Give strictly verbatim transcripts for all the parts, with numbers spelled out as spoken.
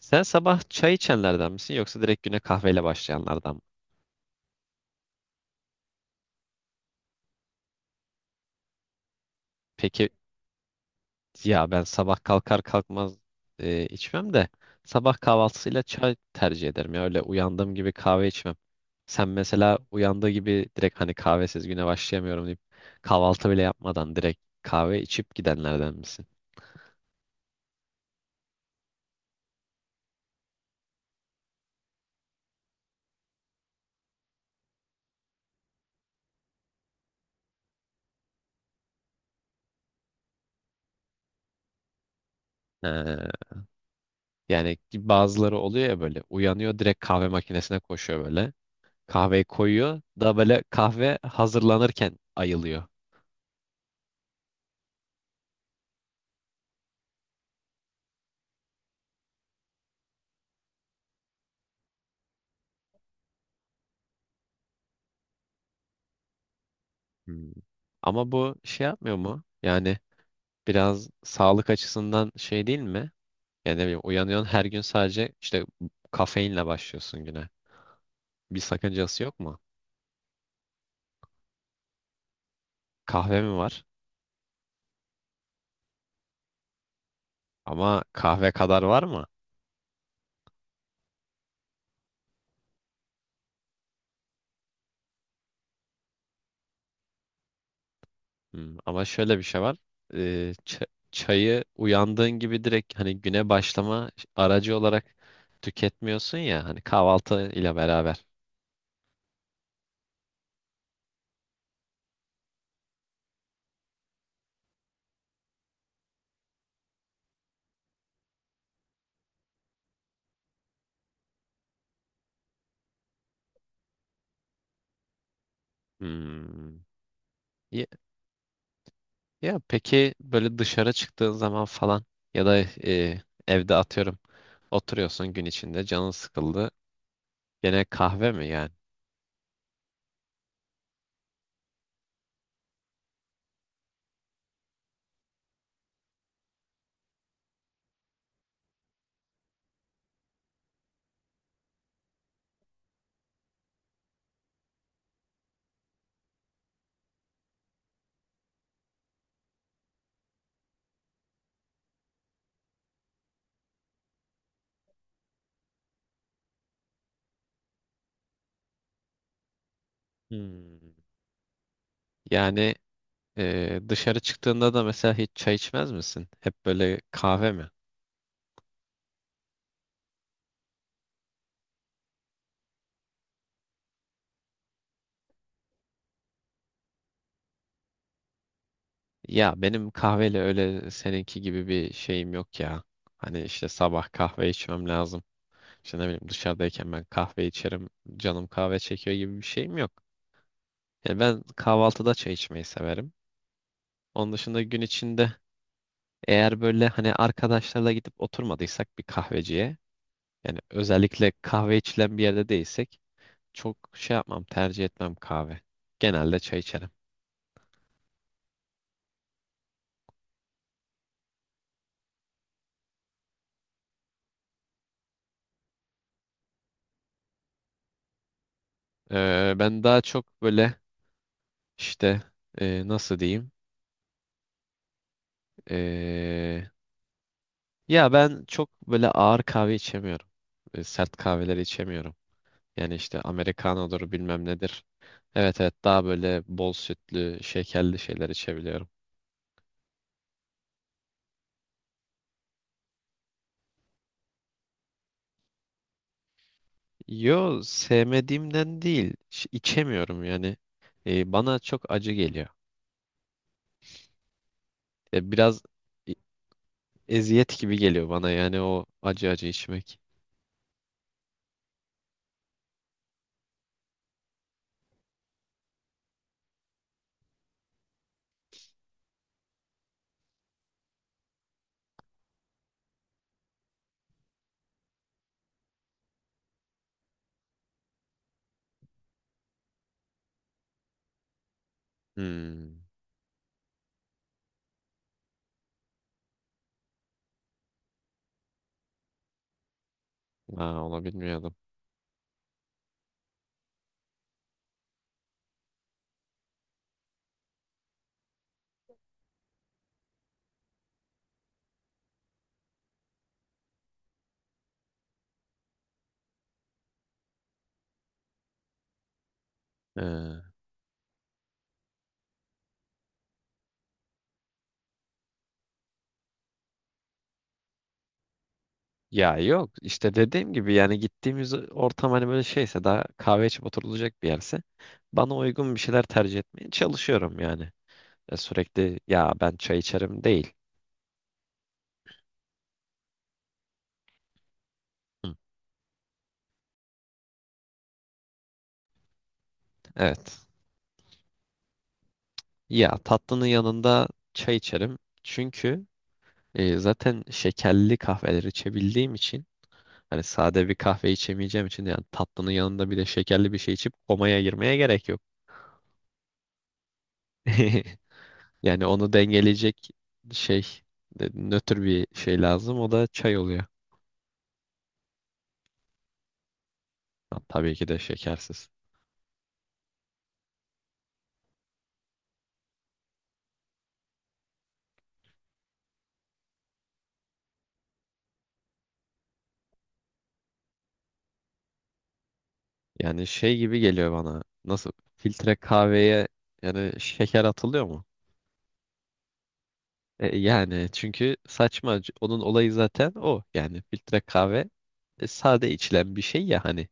Sen sabah çay içenlerden misin yoksa direkt güne kahveyle başlayanlardan mı? Peki. Ya ben sabah kalkar kalkmaz e, içmem de, sabah kahvaltısıyla çay tercih ederim, ya öyle uyandığım gibi kahve içmem. Sen mesela uyandığı gibi direkt hani kahvesiz güne başlayamıyorum deyip kahvaltı bile yapmadan direkt kahve içip gidenlerden misin? He. Yani bazıları oluyor ya, böyle uyanıyor, direkt kahve makinesine koşuyor böyle. Kahveyi koyuyor da böyle kahve hazırlanırken ayılıyor. Hmm. Ama bu şey yapmıyor mu? Yani biraz sağlık açısından şey değil mi? Yani ne bileyim, uyanıyorsun her gün sadece işte kafeinle başlıyorsun güne. Bir sakıncası yok mu? Kahve mi var? Ama kahve kadar var mı? Hmm, ama şöyle bir şey var. Ee, ç- çayı uyandığın gibi direkt hani güne başlama aracı olarak tüketmiyorsun ya hani, kahvaltı ile beraber. Hmm. Ya, ya peki böyle dışarı çıktığın zaman falan ya da e, evde atıyorum oturuyorsun, gün içinde canın sıkıldı. Gene kahve mi yani? Hmm. Yani e, dışarı çıktığında da mesela hiç çay içmez misin? Hep böyle kahve mi? Ya benim kahveyle öyle seninki gibi bir şeyim yok ya. Hani işte sabah kahve içmem lazım. İşte ne bileyim, dışarıdayken ben kahve içerim. Canım kahve çekiyor gibi bir şeyim yok. Yani ben kahvaltıda çay içmeyi severim. Onun dışında gün içinde, eğer böyle hani arkadaşlarla gidip oturmadıysak bir kahveciye. Yani özellikle kahve içilen bir yerde değilsek çok şey yapmam, tercih etmem kahve. Genelde çay içerim. Ee, ben daha çok böyle işte, e, nasıl diyeyim? Ee, Ya ben çok böyle ağır kahve içemiyorum. E, sert kahveler içemiyorum. Yani işte Amerikanodur, bilmem nedir. Evet, evet, daha böyle bol sütlü, şekerli şeyler içebiliyorum. Yo, sevmediğimden değil. Ş- içemiyorum yani. E, bana çok acı geliyor. E, biraz e- eziyet gibi geliyor bana, yani o acı acı içmek. Hmm. Ha, onu bilmiyordum. Ee, Ya yok, işte dediğim gibi, yani gittiğimiz ortam hani böyle şeyse, daha kahve içip oturulacak bir yerse, bana uygun bir şeyler tercih etmeye çalışıyorum yani. E, sürekli ya ben çay içerim değil. Hı, evet. Ya tatlının yanında çay içerim. Çünkü E, zaten şekerli kahveler içebildiğim için, hani sade bir kahve içemeyeceğim için, yani tatlının yanında bir de şekerli bir şey içip komaya girmeye gerek yok. Yani onu dengeleyecek şey, e, nötr bir şey lazım. O da çay oluyor. Ha, tabii ki de şekersiz. Yani şey gibi geliyor bana. Nasıl, filtre kahveye yani şeker atılıyor mu? E, yani çünkü saçma. Onun olayı zaten o. Yani filtre kahve e, sade içilen bir şey ya hani.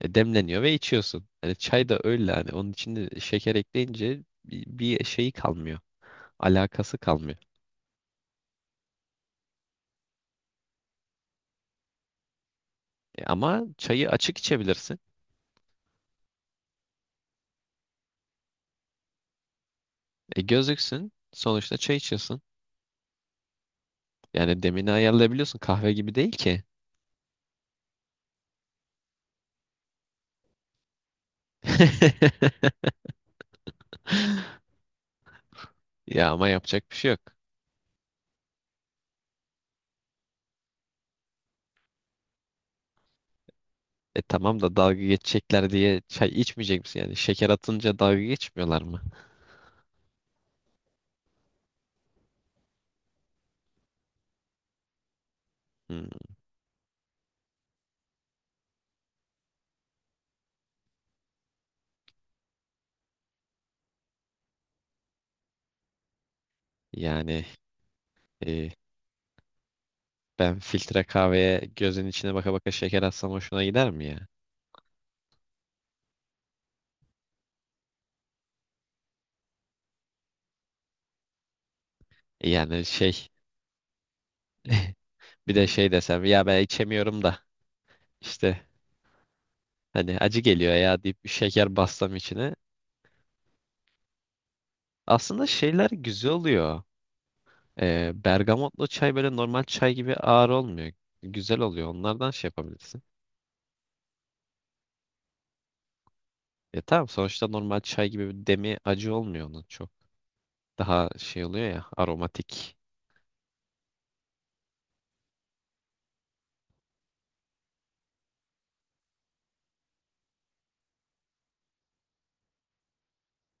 E, demleniyor ve içiyorsun. Hani çay da öyle, hani onun içinde şeker ekleyince bir, bir şeyi kalmıyor. Alakası kalmıyor. E, ama çayı açık içebilirsin. E, gözüksün. Sonuçta çay içiyorsun. Yani demini ayarlayabiliyorsun. Kahve gibi değil ki. Ya ama yapacak bir şey yok. E tamam da, dalga geçecekler diye çay içmeyecek misin? Yani şeker atınca dalga geçmiyorlar mı? Hmm, yani e, ben filtre kahveye gözün içine baka baka şeker atsam hoşuna gider mi ya? E, Yani şey. Bir de şey desem, ya ben içemiyorum da işte, hani acı geliyor ya deyip bir şeker bassam içine. Aslında şeyler güzel oluyor. Ee, bergamotlu çay böyle normal çay gibi ağır olmuyor. Güzel oluyor. Onlardan şey yapabilirsin. E tamam, sonuçta normal çay gibi bir demi acı olmuyor onun çok. Daha şey oluyor ya, aromatik.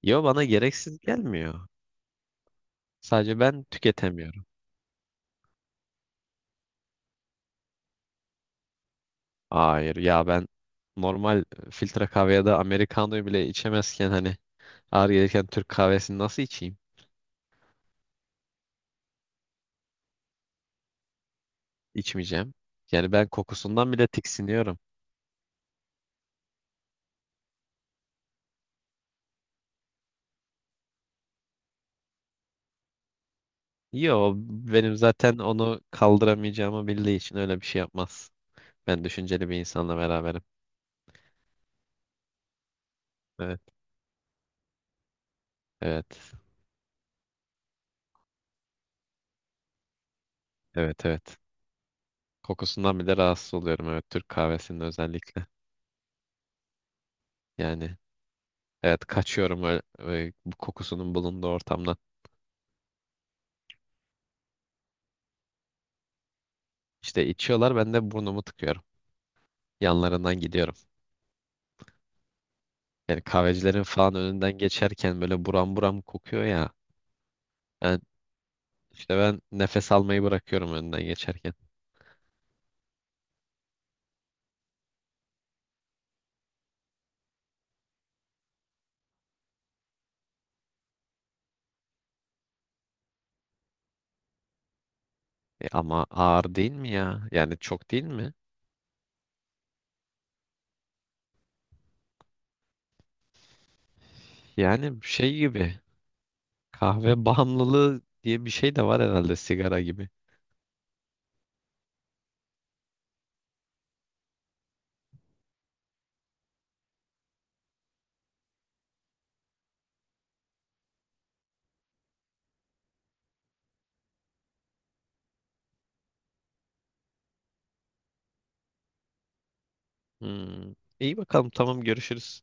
Yo, bana gereksiz gelmiyor. Sadece ben tüketemiyorum. Hayır ya, ben normal filtre kahveye de Amerikano'yu bile içemezken hani, ağır gelirken Türk kahvesini nasıl içeyim? İçmeyeceğim. Yani ben kokusundan bile tiksiniyorum. Yo, benim zaten onu kaldıramayacağımı bildiği için öyle bir şey yapmaz. Ben düşünceli bir insanla beraberim. Evet, evet, evet, evet. Kokusundan bile rahatsız oluyorum, evet, Türk kahvesinin özellikle. Yani evet, kaçıyorum öyle, öyle bu kokusunun bulunduğu ortamdan. İşte içiyorlar, ben de burnumu tıkıyorum. Yanlarından gidiyorum. Yani kahvecilerin falan önünden geçerken böyle buram buram kokuyor ya. Ben, İşte ben nefes almayı bırakıyorum önden geçerken. E ama ağır değil mi ya? Yani çok değil mi? Yani şey gibi, kahve bağımlılığı diye bir şey de var herhalde, sigara gibi. Hmm. İyi bakalım, tamam, görüşürüz.